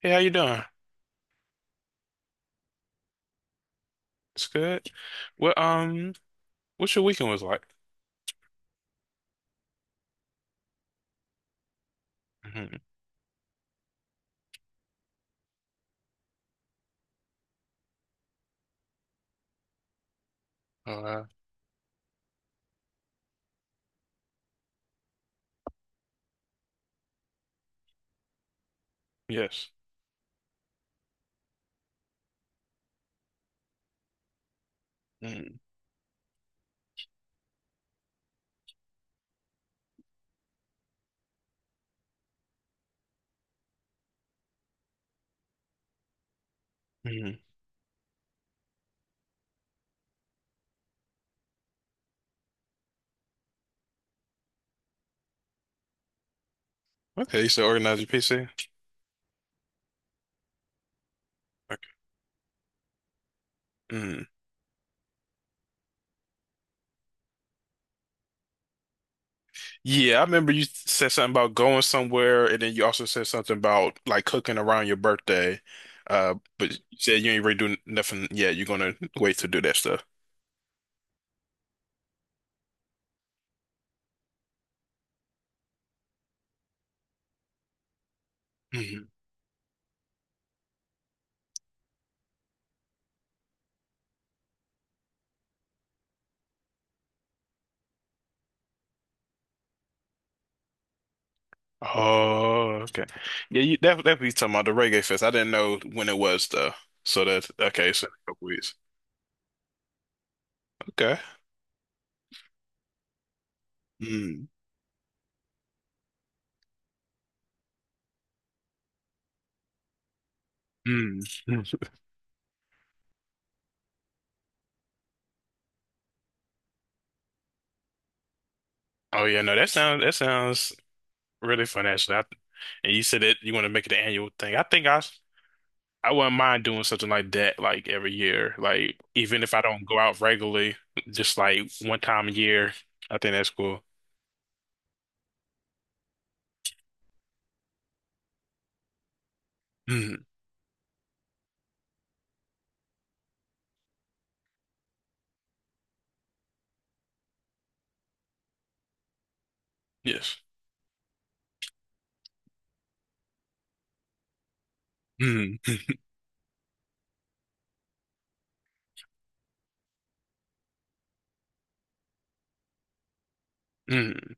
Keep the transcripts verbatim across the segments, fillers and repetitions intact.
Hey, how you doing? It's good. Well, um, what's your weekend was like? Hmm. Uh, yes. Mm-hmm. Okay, you said organize your P C. Okay. Mm. Yeah, I remember you said something about going somewhere, and then you also said something about like cooking around your birthday. Uh, but you said you ain't really doing nothing yet. You're gonna wait to do that stuff. Hmm. Oh, okay. Yeah, you that that be talking about the Reggae Fest. I didn't know when it was though. So that, okay, so a couple weeks. Okay. Mm. Mm. Oh yeah, no, that sounds that sounds really fun actually. I, and you said that you want to make it an annual thing. I think I s- I wouldn't mind doing something like that like every year. Like even if I don't go out regularly, just like one time a year. I think that's cool. Mm, yes. Mm, mm,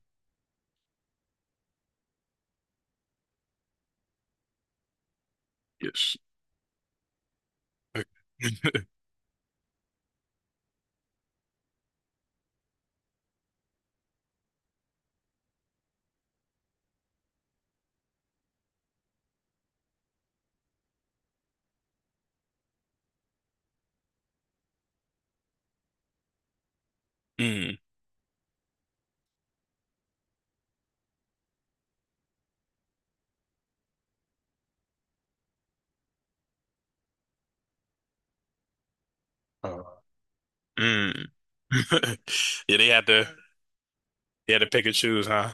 yes. Mm, uh, mm. Yeah, they had to they had to pick and choose, huh?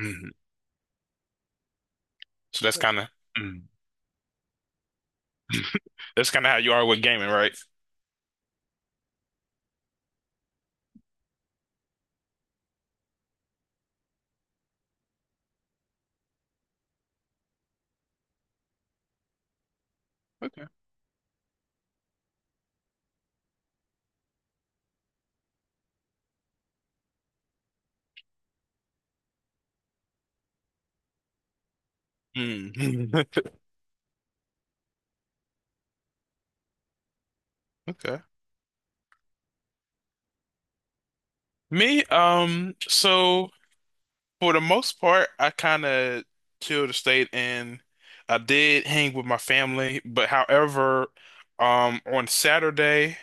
Mm. So that's kind of mm. That's kind of how you are with gaming, right? Okay. Mm. Okay. Me, um, so for the most part, I kind of chilled the state, and I did hang with my family. But however, um, on Saturday,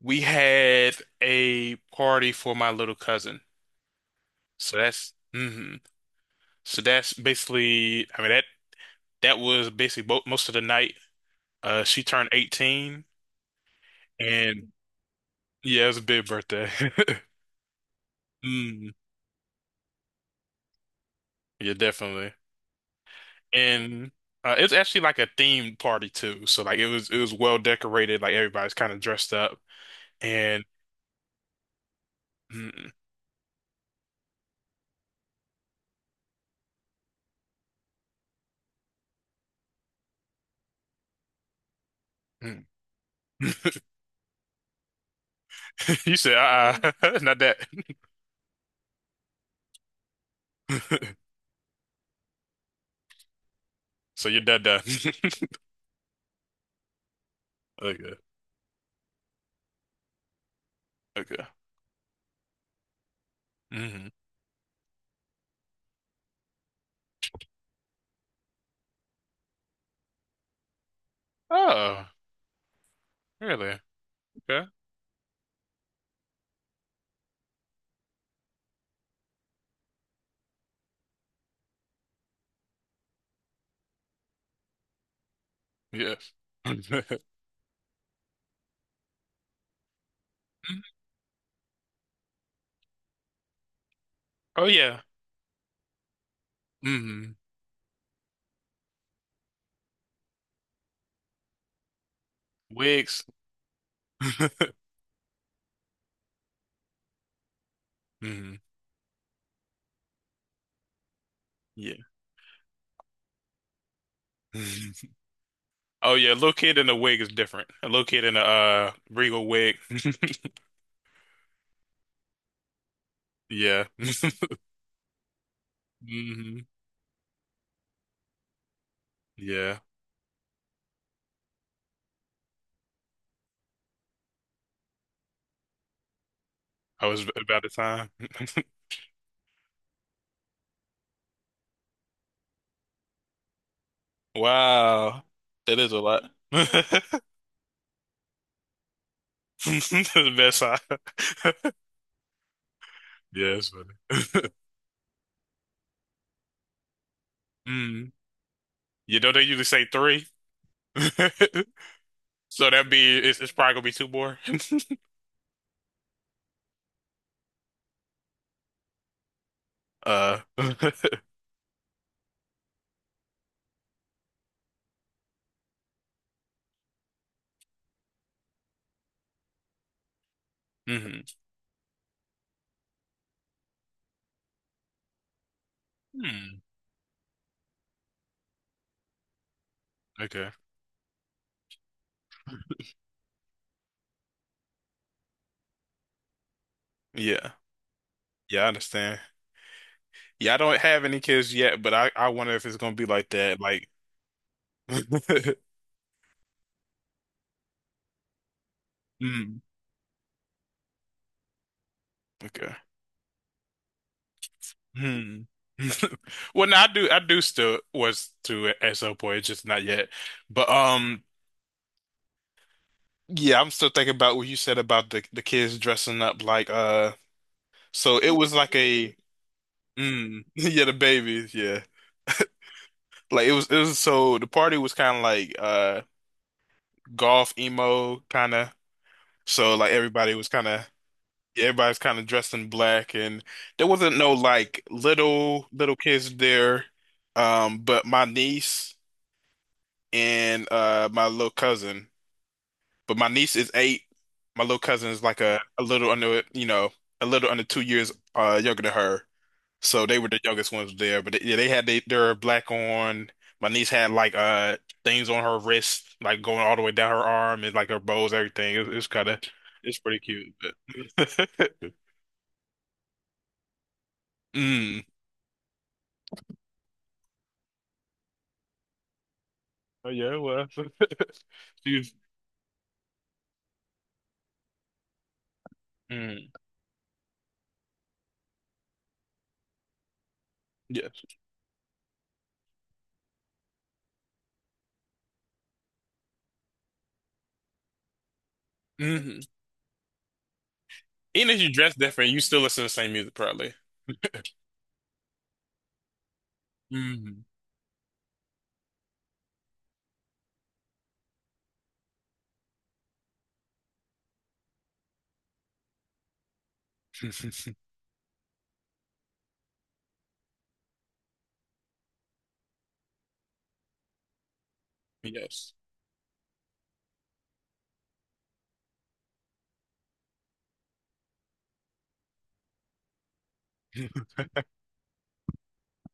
we had a party for my little cousin. So that's, hmm So that's basically, I mean, that, that was basically bo most of the night. Uh, she turned eighteen, and yeah, it was a big birthday. Mm, yeah, definitely. and uh, it was actually like a themed party too. So like it was it was well decorated. Like everybody's kind of dressed up, and mm, mm. You said, uh, not that. So you're done, done. Okay, okay. Hmm. Oh, really? Okay. Yes. Mhm. Oh yeah. Hmm. Wigs. Hmm. Yeah. Mhm. Oh yeah. Little kid in a wig is different. A little kid in a uh, regal wig. Yeah. Hmm. Yeah. I was about the time. Wow. That is a lot. That's the best side. Yeah, it's funny. Mm. You know they usually say three. So that'd be it's, it's probably gonna be two more. Uh mhm. Hmm. Okay. Yeah. Yeah, I understand. Yeah, I don't have any kids yet, but I, I wonder if it's gonna be like that. Like mm. Okay. Hmm. Well, no, I do. I do. Still was to at some point. It's just not yet. But um, yeah, I'm still thinking about what you said about the the kids dressing up like uh. So it was like a mm, yeah, the babies, yeah. Like it was it was so the party was kind of like uh golf emo kind of. So like everybody was kind of everybody's kind of dressed in black, and there wasn't no like little little kids there. Um, but my niece, and uh my little cousin. But my niece is eight. My little cousin is like a, a little under, you know, a little under two years uh younger than her. So they were the youngest ones there. But they, yeah, they had they, their black on. My niece had like uh things on her wrist, like going all the way down her arm and like her bows, everything. It, it's kind of it's pretty cute. But mm. Oh yeah, well, she's mm, yes. Hmm. Even if you dress different, you still listen to the same music, probably. Hmm. Yes.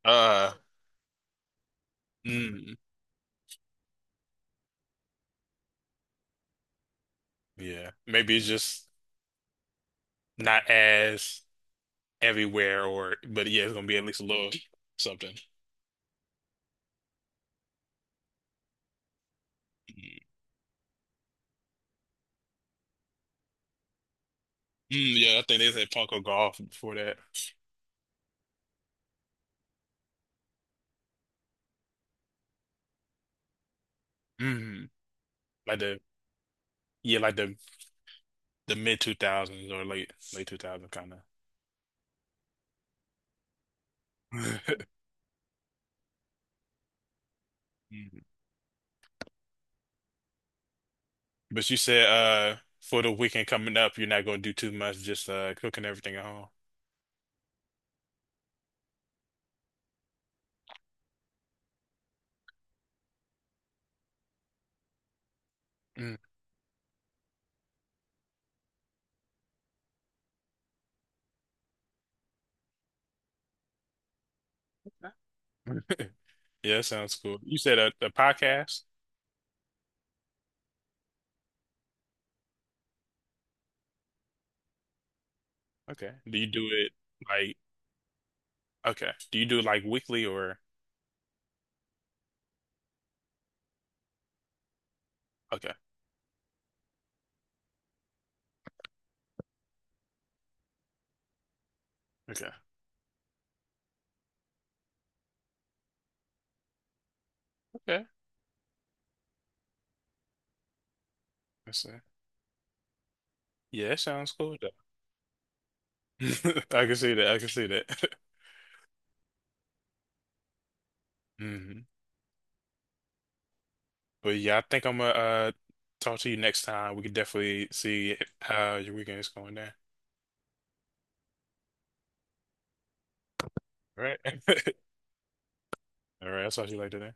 Uh, mm, yeah. Maybe it's just not as everywhere, or but yeah, it's gonna be at least a little something. Mm, yeah, I think they said Funko Golf before that. Mm, like the yeah, like the the mid two thousands or late late two thousand kind of. But you said uh for the weekend coming up, you're not gonna do too much, just uh cooking everything at home. Mm. Yeah, that sounds cool. You said a, a podcast? Okay. Do you do it like Okay. Do you do it like weekly or okay. Okay. Okay. I see. Yeah, that sounds cool though. I can see that. I can see that. Hmm. But yeah, I think I'm gonna uh talk to you next time. We can definitely see how your weekend is going there. All right. All right, I'll talk to you later then.